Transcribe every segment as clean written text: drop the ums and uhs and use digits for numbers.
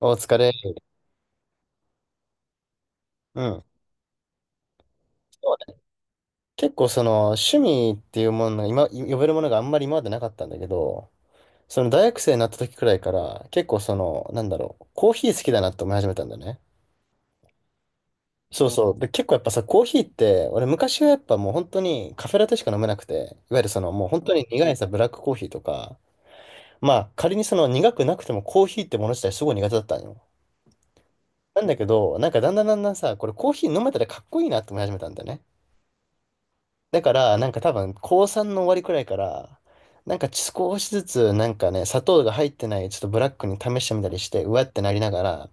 お疲れ。うん。そうね、結構その趣味っていうものが今、呼べるものがあんまり今までなかったんだけど、その大学生になった時くらいから結構その、なんだろう、コーヒー好きだなって思い始めたんだよね。そうそう。で、結構やっぱさ、コーヒーって、俺昔はやっぱもう本当にカフェラテしか飲めなくて、いわゆるそのもう本当に苦いさ、ブラックコーヒーとか、まあ仮にその苦くなくてもコーヒーってもの自体すごい苦手だったんよ。なんだけど、なんかだんだんだんだんさ、これコーヒー飲めたらかっこいいなって思い始めたんだよね。だから、なんか多分、高3の終わりくらいから、なんか少しずつ、なんかね、砂糖が入ってない、ちょっとブラックに試してみたりして、うわってなりながら、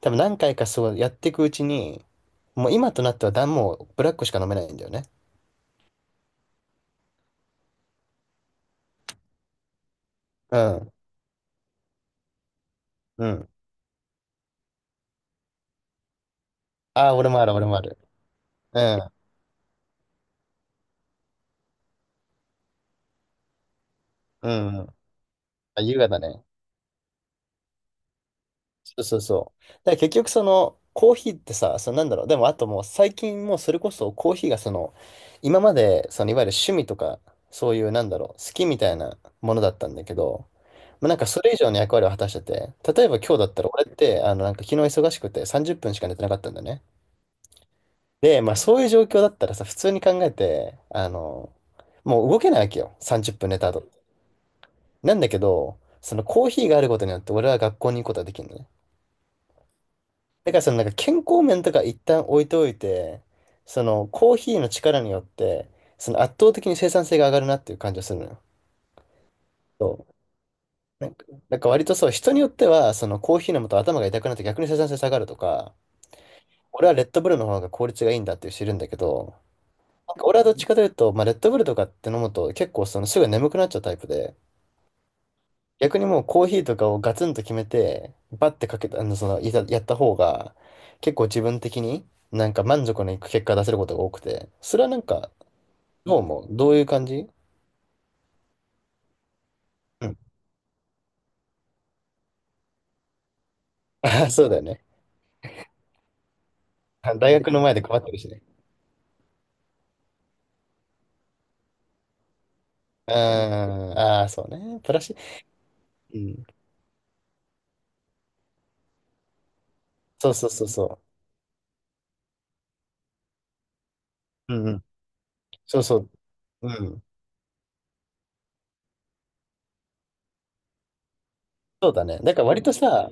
多分何回かそうやっていくうちに、もう今となってはだ、もうブラックしか飲めないんだよね。うん、うん。ああ、俺もある、俺もある。うん、うん。あ、優雅だね。そうそうそう。だから結局そのコーヒーってさ、そのなんだろう、でもあともう最近もうそれこそコーヒーがその、今までそのいわゆる趣味とか、そういうなんだろう、好きみたいなものだったんだけど、まあ、なんかそれ以上の役割を果たしてて、例えば今日だったら俺ってあのなんか昨日忙しくて30分しか寝てなかったんだよね。で、まあそういう状況だったらさ、普通に考えて、あの、もう動けないわけよ、30分寝た後。なんだけど、そのコーヒーがあることによって俺は学校に行くことができるのね。だからそのなんか健康面とか一旦置いておいて、そのコーヒーの力によって、その圧倒的に生産性が上がるなっていう感じがするのよ。そう。なんか割とそう、人によっては、そのコーヒー飲むと頭が痛くなって逆に生産性下がるとか、俺はレッドブルの方が効率がいいんだっていう人いるんだけど、なんか俺はどっちかというと、まあ、レッドブルとかって飲むと結構そのすぐ眠くなっちゃうタイプで、逆にもうコーヒーとかをガツンと決めて、バッてかけた、あの、その、いざやった方が、結構自分的になんか満足のいく結果出せることが多くて、それはなんか、どうも、どういう感じ？うん。あ、そうだよね。あ、大学の前で配ってるしね。うん、ああ、そうね。プラス、うん。そうそうそうそう。うんうん。そうそう。うん。そうだね。だから割とさ、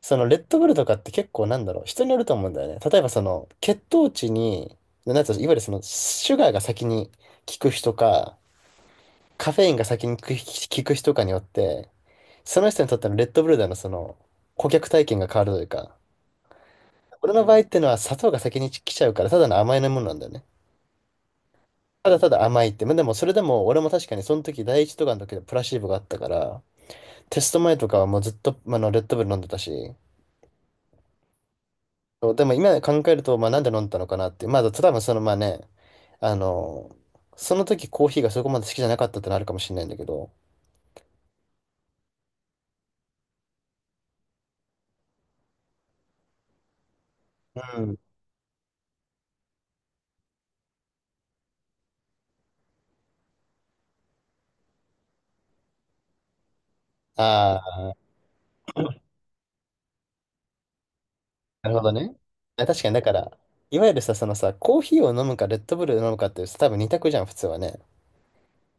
そのレッドブルとかって結構なんだろう、人によると思うんだよね。例えばその血糖値に、なんつうのいわゆるそのシュガーが先に効く人か、カフェインが先に効く人かによって、その人にとってのレッドブルでのその顧客体験が変わるというか、俺の場合ってのは砂糖が先に来ちゃうから、ただの甘いものなんだよね。ただただ甘いって。まあでもそれでも俺も確かにその時第一とかの時でプラシーボがあったから、テスト前とかはもうずっとあのレッドブル飲んでたし、そうでも今考えると、まあなんで飲んだのかなって。まあ多分そのまあね、あの、その時コーヒーがそこまで好きじゃなかったってのあるかもしれないんだけど。うん。ああ、なるほどね。あ、確かにだから、いわゆるさ、そのさ、コーヒーを飲むかレッドブルを飲むかってさ多分二択じゃん、普通はね。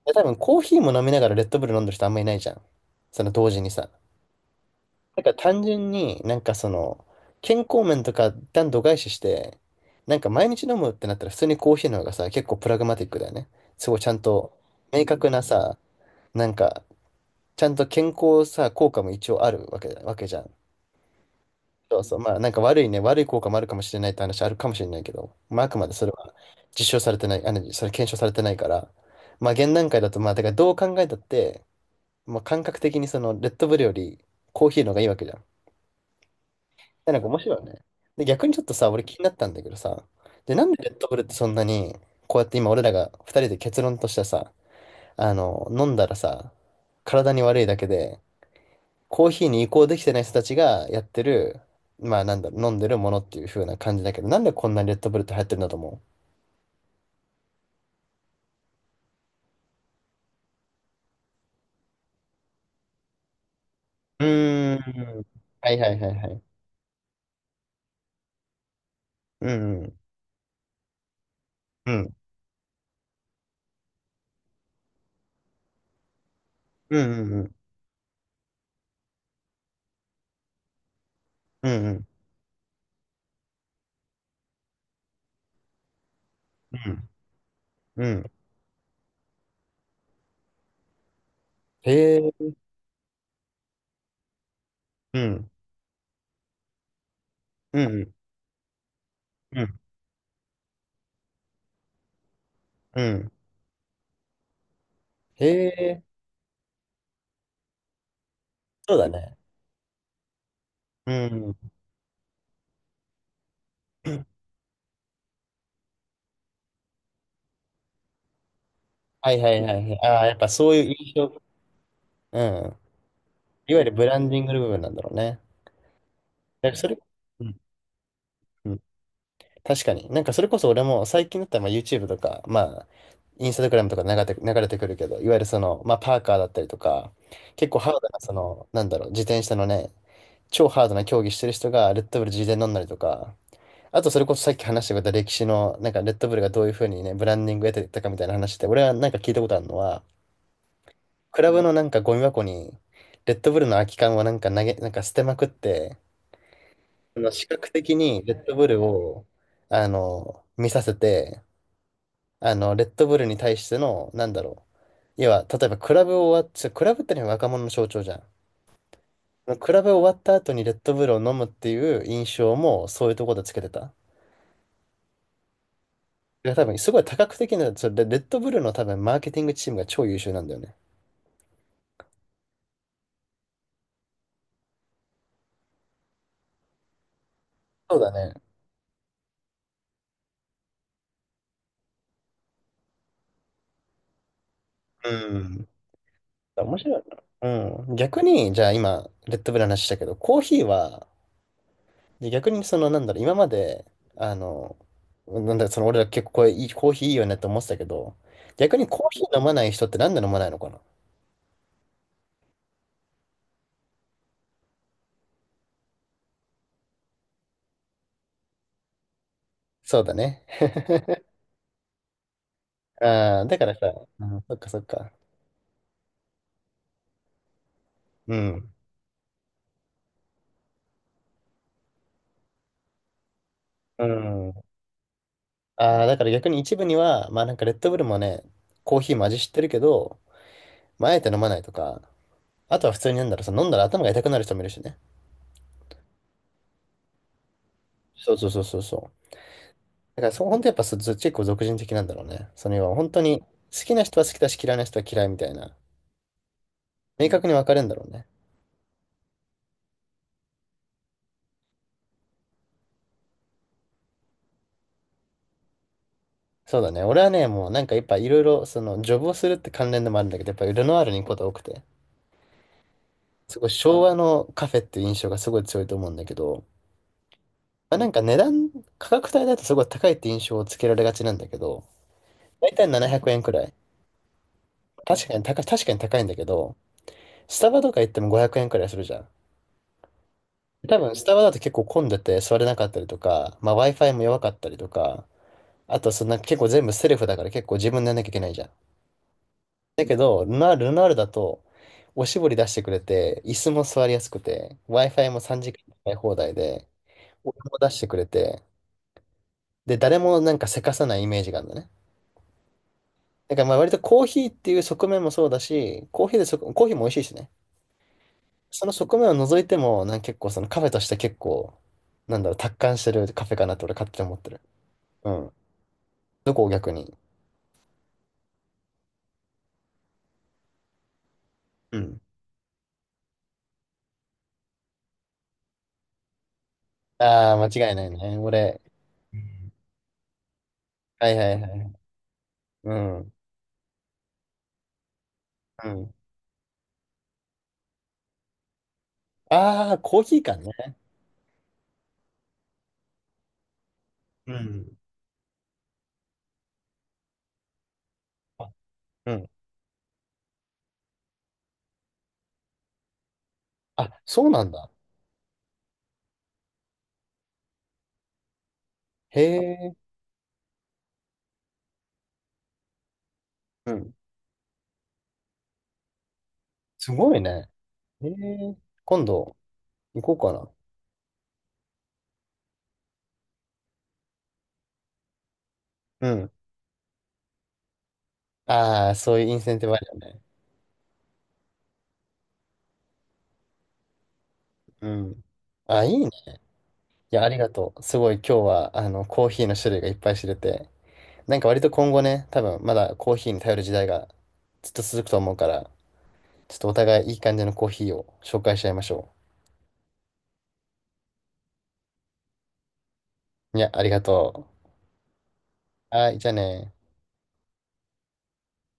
で多分コーヒーも飲みながらレッドブル飲んでる人あんまいないじゃん。その同時にさ。なんか単純になんかその、健康面とか一旦度外視して、なんか毎日飲むってなったら普通にコーヒーの方がさ、結構プラグマティックだよね。すごいちゃんと明確なさ、なんかちゃんと健康さ、効果も一応あるわけだ、わけじゃん。そうそう。まあなんか悪い効果もあるかもしれないって話あるかもしれないけど、まああくまでそれは実証されてない、あの、それ検証されてないから、まあ現段階だとまあ、だからどう考えたって、まあ感覚的にそのレッドブルよりコーヒーの方がいいわけじゃん。でなんか面白いよね。で、逆にちょっとさ、俺気になったんだけどさ、で、なんでレッドブルってそんなに、こうやって今俺らが二人で結論としてさ、あの、飲んだらさ、体に悪いだけで、コーヒーに移行できてない人たちがやってる、まあなんだろう、飲んでるものっていう風な感じだけど、なんでこんなにレッドブルって流行ってるんだと思う？うーん。はいはいはいはい。うんうん。うん。うんうんうん。うんうんうん。うん。へえ。うん。うんうん。うん。うん。へえ。そうだね。うん。はいはいはいはい。ああ、やっぱそういう印象。うん。いわゆるブランディングの部分なんだろうね。だからそれ、うんうん。確かに。なんかそれこそ俺も最近だったらまあ YouTube とか、まあ、インスタグラムとか流れてくるけど、いわゆるその、まあパーカーだったりとか、結構ハードなその、なんだろう、自転車のね、超ハードな競技してる人がレッドブル自転乗んだりとか、あとそれこそさっき話してくれた歴史の、なんかレッドブルがどういうふうにね、ブランディングを得てたかみたいな話って、俺はなんか聞いたことあるのは、クラブのなんかゴミ箱に、レッドブルの空き缶をなんかなんか捨てまくって、あの視覚的にレッドブルを、あの、見させて、あの、レッドブルに対しての、なんだろう。要は、例えばクラブを終わっちゃ、クラブってのは若者の象徴じゃん。クラブ終わった後にレッドブルを飲むっていう印象もそういうところでつけてた。いや多分すごい多角的な、それレッドブルの多分マーケティングチームが超優秀なんだよね。そうだね。うん。面白いな。うん。逆に、じゃあ今、レッドブルの話したけど、コーヒーは、で逆にその、なんだろう、今まで、あの、なんだろう、その、俺ら結構これいい、コーヒーいいよねって思ってたけど、逆にコーヒー飲まない人ってなんで飲まないのかな？そうだね。ああ、だからさ、うん、そっかそっか。うん。うん。ああ、だから逆に一部には、まあなんかレッドブルもね、コーヒーも味知ってるけど、まああえて飲まないとか、あとは普通になんだろう、その飲んだら頭が痛くなる人もいるしね。そうそうそうそうそう。だからそう、本当やっぱそ、ず結構俗人的なんだろうね。その要は本当に好きな人は好きだし嫌いな人は嫌いみたいな。明確に分かれるんだろうね。そうだね。俺はね、もうなんかやっぱいろいろ、その、ジョブをするって関連でもあるんだけど、やっぱルノアールに行くことが多くて、すごい昭和のカフェっていう印象がすごい強いと思うんだけど、まあ、なんか価格帯だとすごい高いって印象をつけられがちなんだけど、だいたい700円くえんくらい。確かに高いんだけど、スタバとか行っても500円くえんくらいするじゃん。多分、スタバだと結構混んでて座れなかったりとか、まあ、Wi-Fi も弱かったりとか、あとそんな結構全部セルフだから結構自分でやんなきゃいけないじゃん。だけど、ルナールだと、おしぼり出してくれて、椅子も座りやすくて、Wi-Fi も3時間使い放題で、お湯も出してくれて、で、誰もなんかせかさないイメージがあるんだね。だからまあ割とコーヒーっていう側面もそうだし、コーヒーも美味しいしね。その側面を除いても、なんか結構そのカフェとして結構、なんだろう、達観してるカフェかなと俺勝手に思ってる。うん。どこを逆に？うん。ああ、間違いないね。俺。うん、はいはいはい。うん。うん。ああ、コーヒー缶ね。うん、あ、うん。あ、そうなんだ。へえ。うん。すごいね。へえ。今度、行こうかな。うん。ああ、そういうインセンティブあるよね。うん。あ、いいね。いや、ありがとう。すごい今日は、あの、コーヒーの種類がいっぱい知れて。なんか割と今後ね、多分まだコーヒーに頼る時代がずっと続くと思うから、ちょっとお互いいい感じのコーヒーを紹介しちゃいましょう。いや、ありがとう。はい、じゃあね。